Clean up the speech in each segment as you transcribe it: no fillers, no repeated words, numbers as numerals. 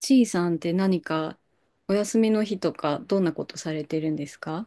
ちいさんって何かお休みの日とかどんなことされてるんですか？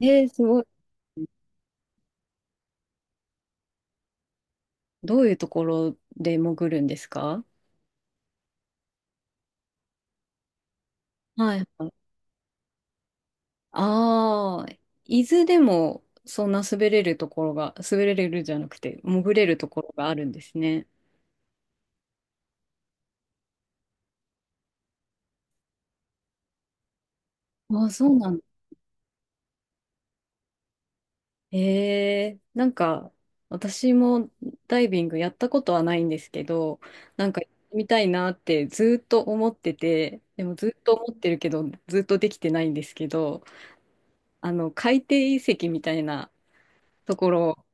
えー、すごい。どういうところで潜るんですか？はいはい。ああ、伊豆でもそんな滑れるところが、滑れるじゃなくて潜れるところがあるんですね。ああ、そうなんだ。なんか私もダイビングやったことはないんですけど、なんかやってみたいなってずーっと思ってて、でもずーっと思ってるけど、ずーっとできてないんですけど、海底遺跡みたいなところ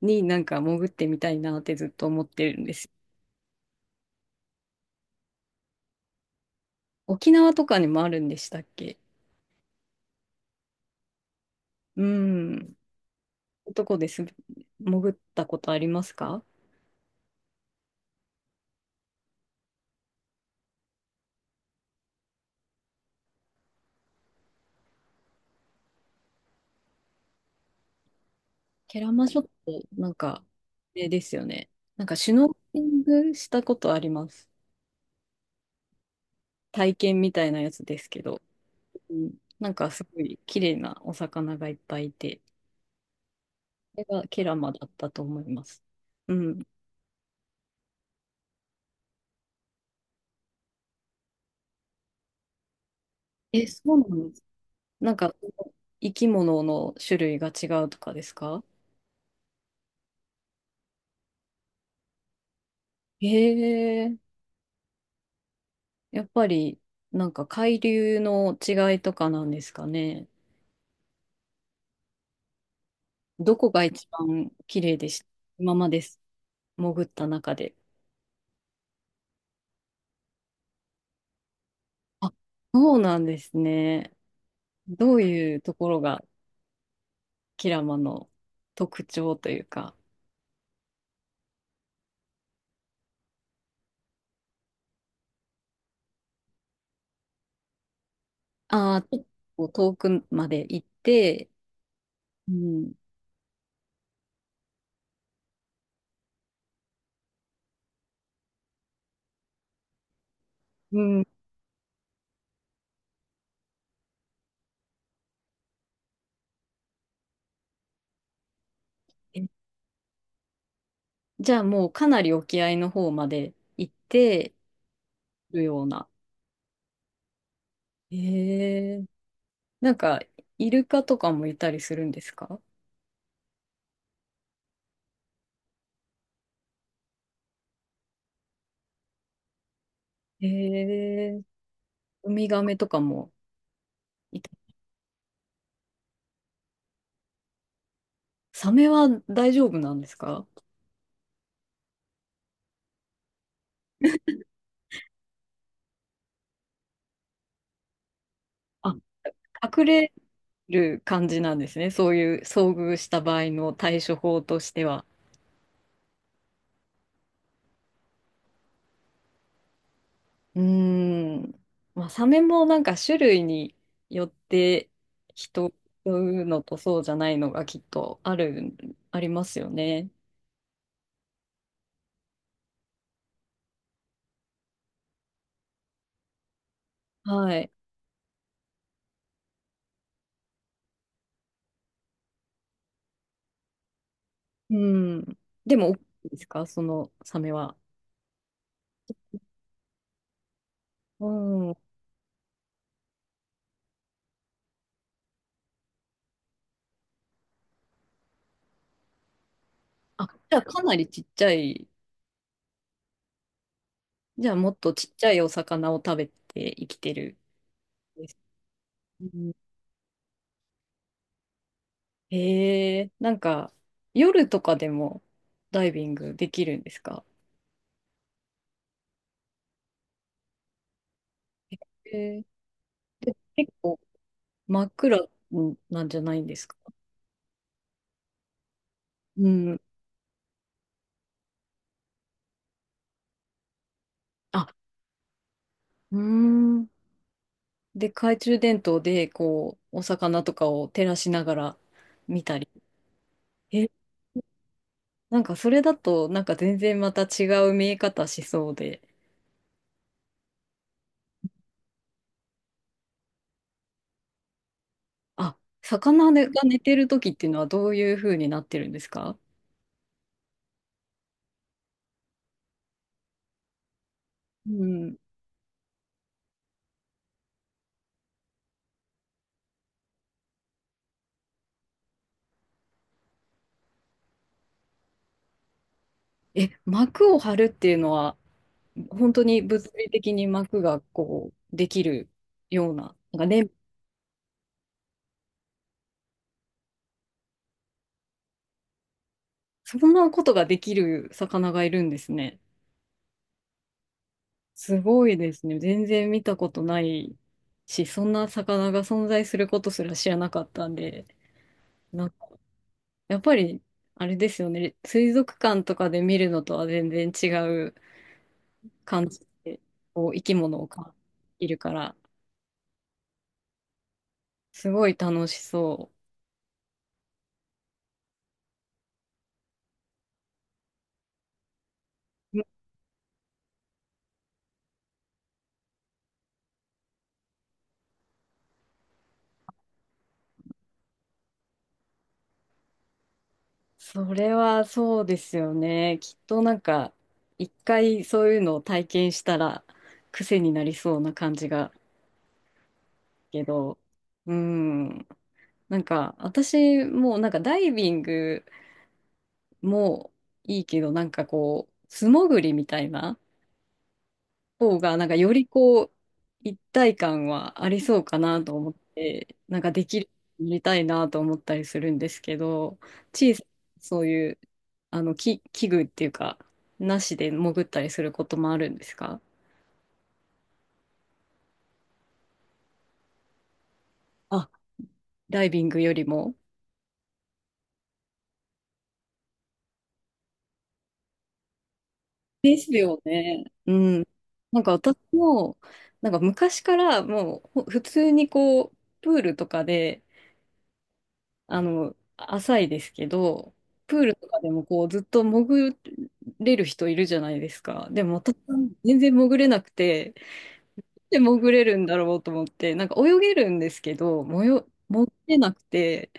になんか潜ってみたいなってずっと思ってるんです。沖縄とかにもあるんでしたっけ？うん。どこです？潜ったことありますか？ケラマ諸島、なんか、えですよね。なんかシュノーケリングしたことあります。体験みたいなやつですけど。うん。なんかすごい綺麗なお魚がいっぱいいて、それがケラマだったと思います。うん。え、そうなんです？なんか、生き物の種類が違うとかですか？へえ。やっぱり、なんか海流の違いとかなんですかね。どこが一番綺麗でした？今まで潜った中で。あ、そうなんですね。どういうところがキラマの特徴というか、ああ、ちょっと遠くまで行って、うん。うん。えじゃあもうかなり沖合の方まで行ってるような。ええ、なんか、イルカとかもいたりするんですか？ええ、ウミガメとかもいた。サメは大丈夫なんですか？あ、隠れる感じなんですね。そういう遭遇した場合の対処法としては。うーん。まあ、サメもなんか種類によって人、うのとそうじゃないのがきっとある、ありますよね。はい。うん。でも、大きいですかそのサメは？うん。あ、じゃあかなりちっちゃい、じゃあもっとちっちゃいお魚を食べて生きてるんです。うん。へえ、なんか夜とかでもダイビングできるんですか？へえ、で、結構真っ暗なんじゃないんですか？うん。あ、うーん。で、懐中電灯でこう、お魚とかを照らしながら見たり。え、なんかそれだとなんか全然また違う見え方しそうで。あ、魚が寝てる時っていうのはどういう風になってるんですか？うん、え、膜を張るっていうのは、本当に物理的に膜がこう、できるような、なんかね、そんなことができる魚がいるんですね。すごいですね。全然見たことないし、そんな魚が存在することすら知らなかったんで、なんかやっぱり、あれですよね、水族館とかで見るのとは全然違う感じで、こう生き物を感じるから、すごい楽しそう。それはそうですよね。きっとなんか、一回そういうのを体験したら癖になりそうな感じがけど、うん。なんか、私もなんかダイビングもいいけど、なんかこう、素潜りみたいな。方が、なんかよりこう、一体感はありそうかなと思って、なんかできる、やりたいなと思ったりするんですけど、小さなそういう、き器具っていうか、なしで潜ったりすることもあるんですか？あ、ダイビングよりも。ですよね。うん。なんか私も、なんか昔からもうほ普通にこう、プールとかで、浅いですけど、プールとかでもこうずっと潜れる人いるじゃないですか。でも私は全然潜れなくて、で潜れるんだろうと思って、なんか泳げるんですけど、もよ、潜れなくて、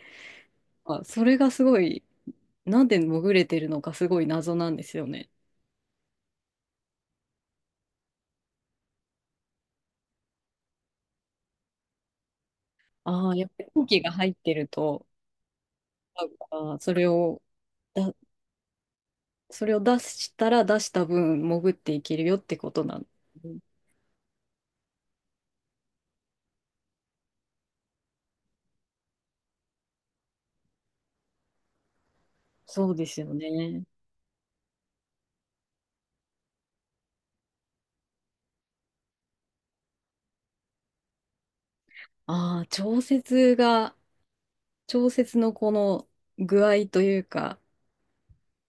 まあ、それがすごい、なんで潜れてるのかすごい謎なんですよね。ああ、やっぱり空気が入ってると、なんかそれを、だ、それを出したら出した分潜っていけるよってことなん。そうですよね。ああ、調節が、調節のこの具合というか、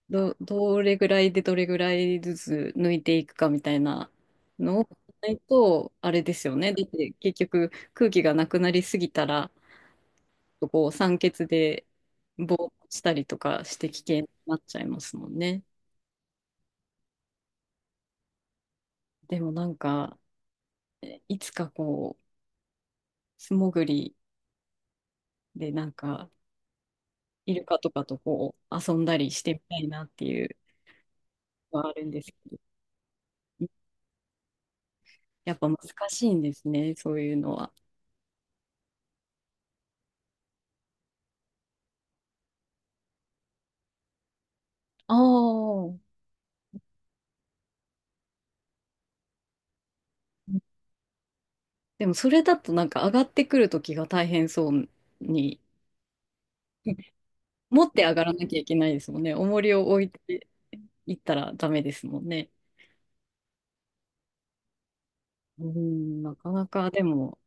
どれぐらいでどれぐらいずつ抜いていくかみたいなのを考えないと、あれですよね。だって結局空気がなくなりすぎたら、こう酸欠でぼーっとしたりとかして危険になっちゃいますもんね。でもなんか、いつかこう、素潜りでなんか、イルカとかとこう遊んだりしてみたいなっていうのはあるんですけど。やっぱ難しいんですね、そういうのは。ああ、でもそれだとなんか上がってくるときが大変そうに、持って上がらなきゃいけないですもんね。重りを置いていったらダメですもんね。うん、なかなかでも、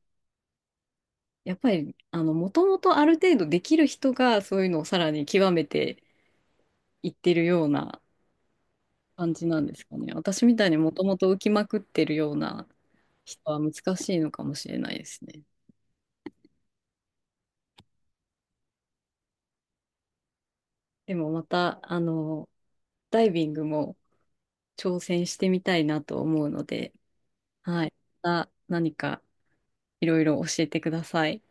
やっぱり、もともとある程度できる人がそういうのをさらに極めていってるような感じなんですかね。私みたいにもともと浮きまくってるような人は難しいのかもしれないですね。でもまた、ダイビングも挑戦してみたいなと思うので、はい。また何かいろいろ教えてください。